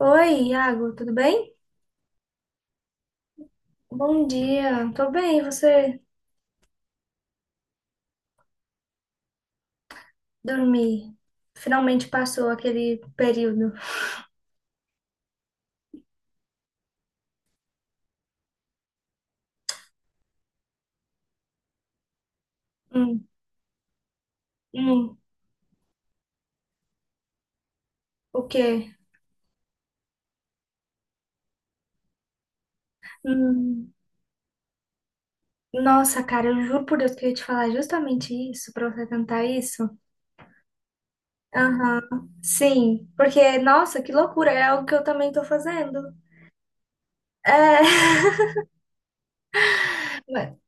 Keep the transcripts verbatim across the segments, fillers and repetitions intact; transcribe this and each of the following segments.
Oi, Iago, tudo bem? Bom dia, tô bem, e você dormir? Finalmente passou aquele período. Hum, hum, o quê? Hum, nossa, cara, eu juro por Deus que eu ia te falar justamente isso, pra você cantar isso. Aham, sim, porque, nossa, que loucura, é algo que eu também tô fazendo. É,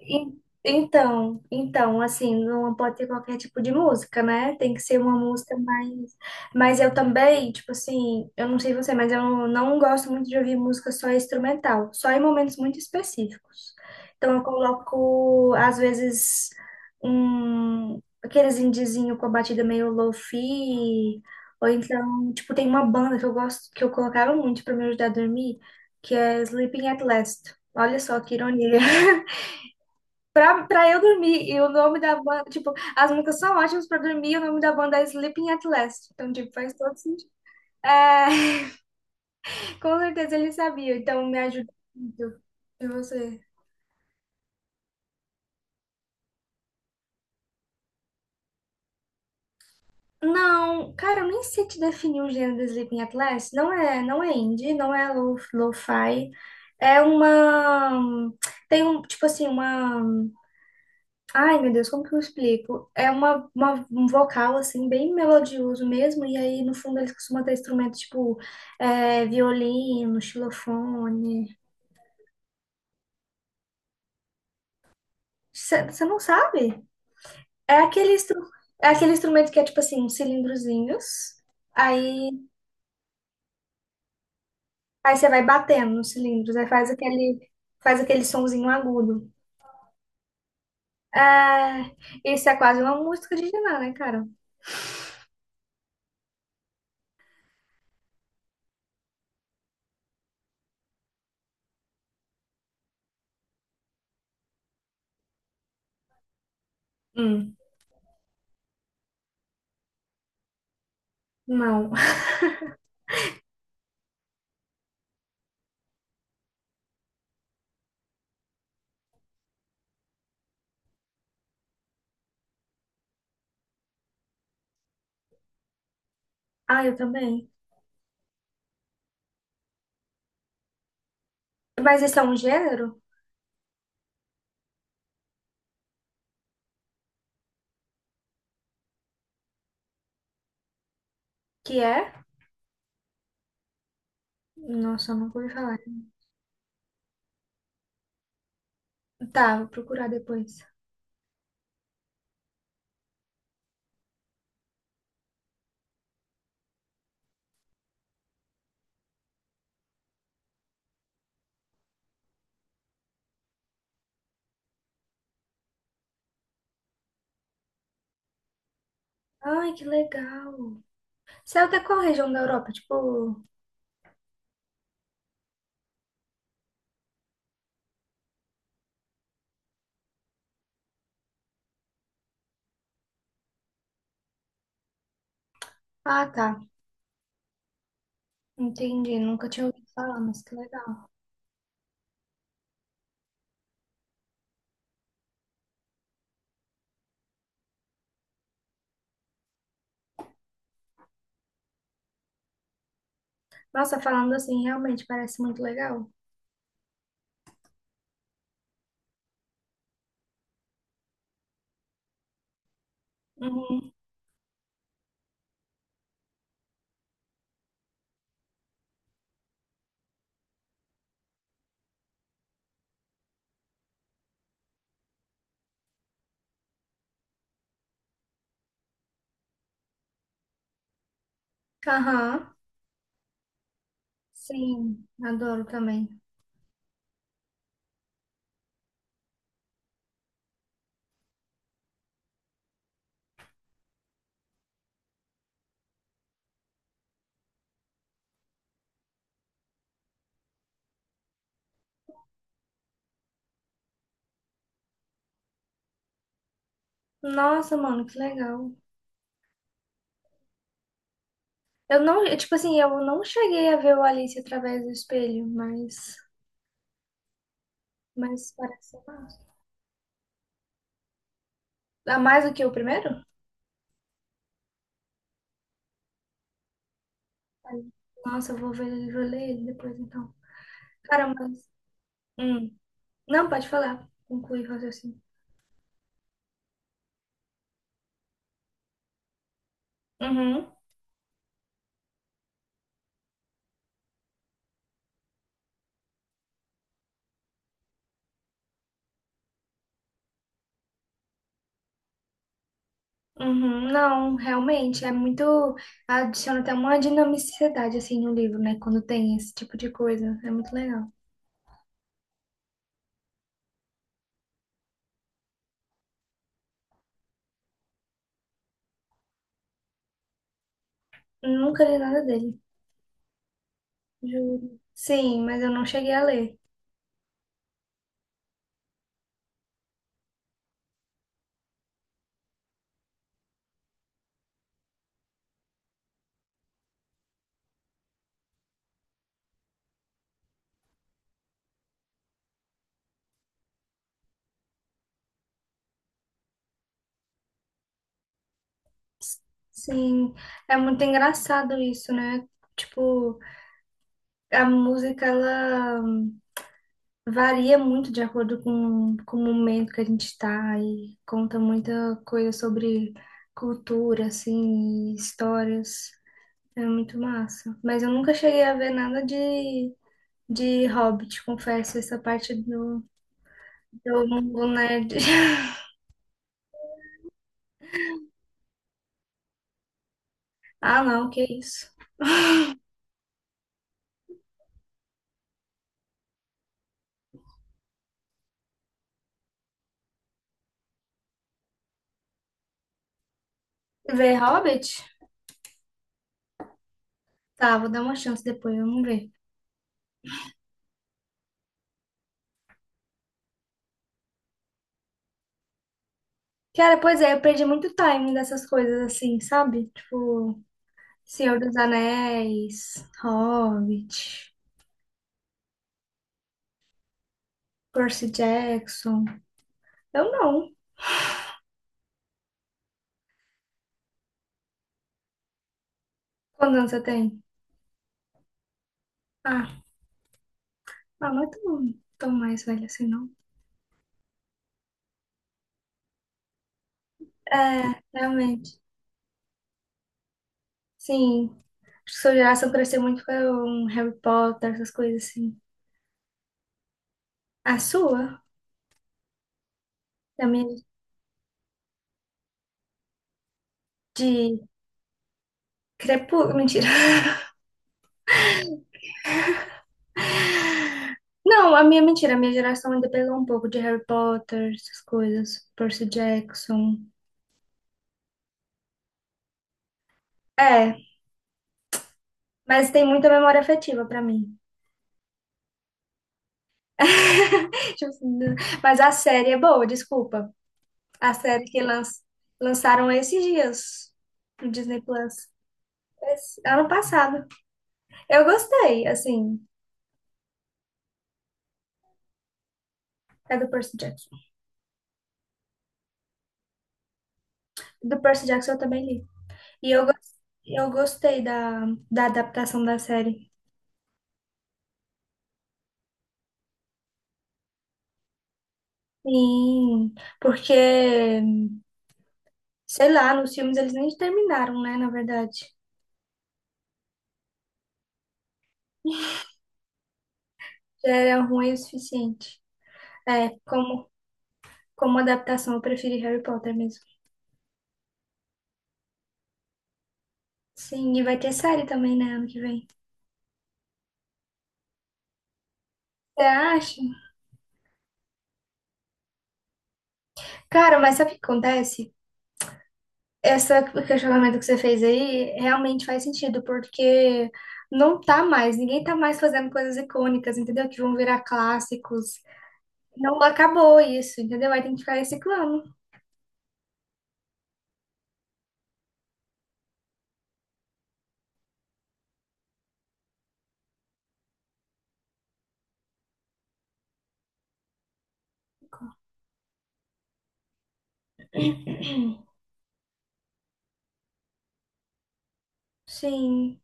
En- Então, então, assim, não pode ter qualquer tipo de música, né? Tem que ser uma música mais. Mas eu também, tipo assim, eu não sei você, mas eu não gosto muito de ouvir música só instrumental, só em momentos muito específicos. Então eu coloco, às vezes, um aqueles indiezinho com a batida meio lofi ou então, tipo, tem uma banda que eu gosto, que eu colocava muito pra me ajudar a dormir, que é Sleeping at Last. Olha só que ironia. Pra, pra eu dormir, e o nome da banda, tipo, as músicas são ótimas pra dormir, e o nome da banda é Sleeping at Last. Então, tipo, faz todo sentido. É, com certeza ele sabia, então me ajuda muito. E você? Não, cara, eu nem sei te definir o gênero do Sleeping at Last. Não é, não é indie, não é lo- lo-fi. É uma. Tem um, tipo assim, uma. Ai, meu Deus, como que eu explico? É uma, uma- um vocal, assim, bem melodioso mesmo, e aí no fundo eles costumam ter instrumentos tipo é, violino, xilofone. Você não sabe? É aquele, instru é aquele instrumento que é tipo assim, uns cilindrozinhos, aí aí você vai batendo nos cilindros, aí faz aquele, faz aquele sonzinho agudo. É, isso é quase uma música de Diná, né, cara? Hum, não. Ah, eu também. Mas esse é um gênero que é? Nossa, eu nunca ouvi falar. Tá, vou procurar depois. Ai, que legal. Você é da qual região da Europa? Tipo, ah, tá. Entendi. Nunca tinha ouvido falar, mas que legal. Nossa, falando assim, realmente parece muito legal. Uhum. Aham. Sim, adoro também. Nossa, mano, que legal. Eu não, eu, tipo assim, eu não cheguei a ver o Alice através do espelho, mas, mas parece ser massa. Ah, mais do que o primeiro? Ai, nossa, eu vou ver, vou ler ele depois então. Caramba. Hum. Não, pode falar. Conclui o raciocínio. Uhum. Uhum. Não, realmente, é muito. Adiciona até uma dinamicidade, assim, no livro, né? Quando tem esse tipo de coisa. É muito legal. Nunca li nada dele, juro. Sim, mas eu não cheguei a ler. Sim, é muito engraçado isso, né? Tipo, a música, ela. Varia muito de acordo com, com o momento que a gente está e conta muita coisa sobre cultura, assim, e histórias. É muito massa. Mas eu nunca cheguei a ver nada de, de Hobbit, confesso, essa parte do, do mundo nerd. Ah, não, que isso. Ver Hobbit? Tá, vou dar uma chance depois, vamos ver. Cara, pois é, eu perdi muito time dessas coisas assim, sabe? Tipo, Senhor dos Anéis, Hobbit. Percy Jackson. Eu não. Quantos anos você tem? Ah, ah, não é tão, tão mais velho assim, não. É, realmente. Sim. Acho que sua geração cresceu muito com um Harry Potter, essas coisas assim. A sua? A minha de Crepúsculo. Mentira. Não, a minha mentira. A minha geração ainda pegou um pouco de Harry Potter, essas coisas. Percy Jackson. É, mas tem muita memória afetiva pra mim. Tipo assim, mas a série é boa, desculpa. A série que lan- lançaram esses dias no Disney Plus. Esse- ano passado. Eu gostei, assim. É do Percy Jackson. Do Percy Jackson eu também li. E eu, gos- eu gostei da, da adaptação da série. Sim, porque, sei lá, nos filmes eles nem terminaram, né? Na verdade. Já era ruim o suficiente. É, como, como adaptação, eu preferi Harry Potter mesmo. Sim, e vai ter série também, né? Ano que vem. Você acha? Cara, mas sabe o que acontece? Esse questionamento que você fez aí realmente faz sentido, porque não tá mais, ninguém tá mais fazendo coisas icônicas, entendeu? Que vão virar clássicos. Não acabou isso, entendeu? Aí tem que ficar reciclando. Sim,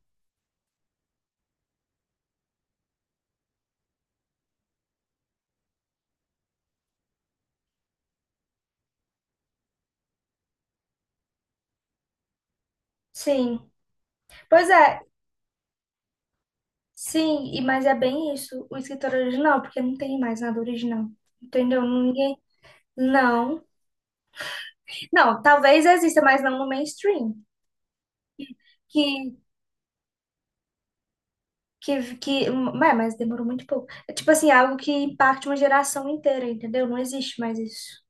sim. Pois é, sim, e mas é bem isso, o escritor original, porque não tem mais nada original, entendeu? Ninguém. Não. Não, talvez exista, mas não no mainstream. Que que, que mas, mas demorou muito pouco. É tipo assim, algo que impacte uma geração inteira, entendeu? Não existe mais isso.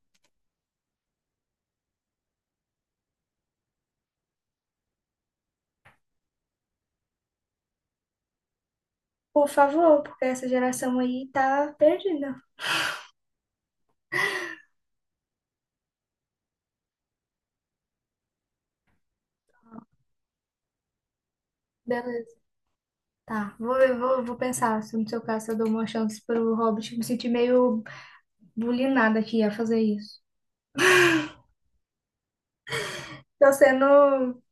Por favor, porque essa geração aí tá perdida. Beleza. Tá, vou, ver- vou, vou pensar se no seu caso eu dou uma chance pro Hobbit. Me senti meio bulinada aqui a fazer isso. Tô sendo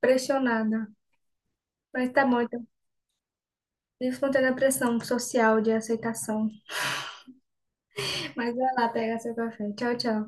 pressionada. Mas tá bom, então. Vivo contando a pressão social de aceitação. Mas vai lá pega seu café. Tchau, tchau.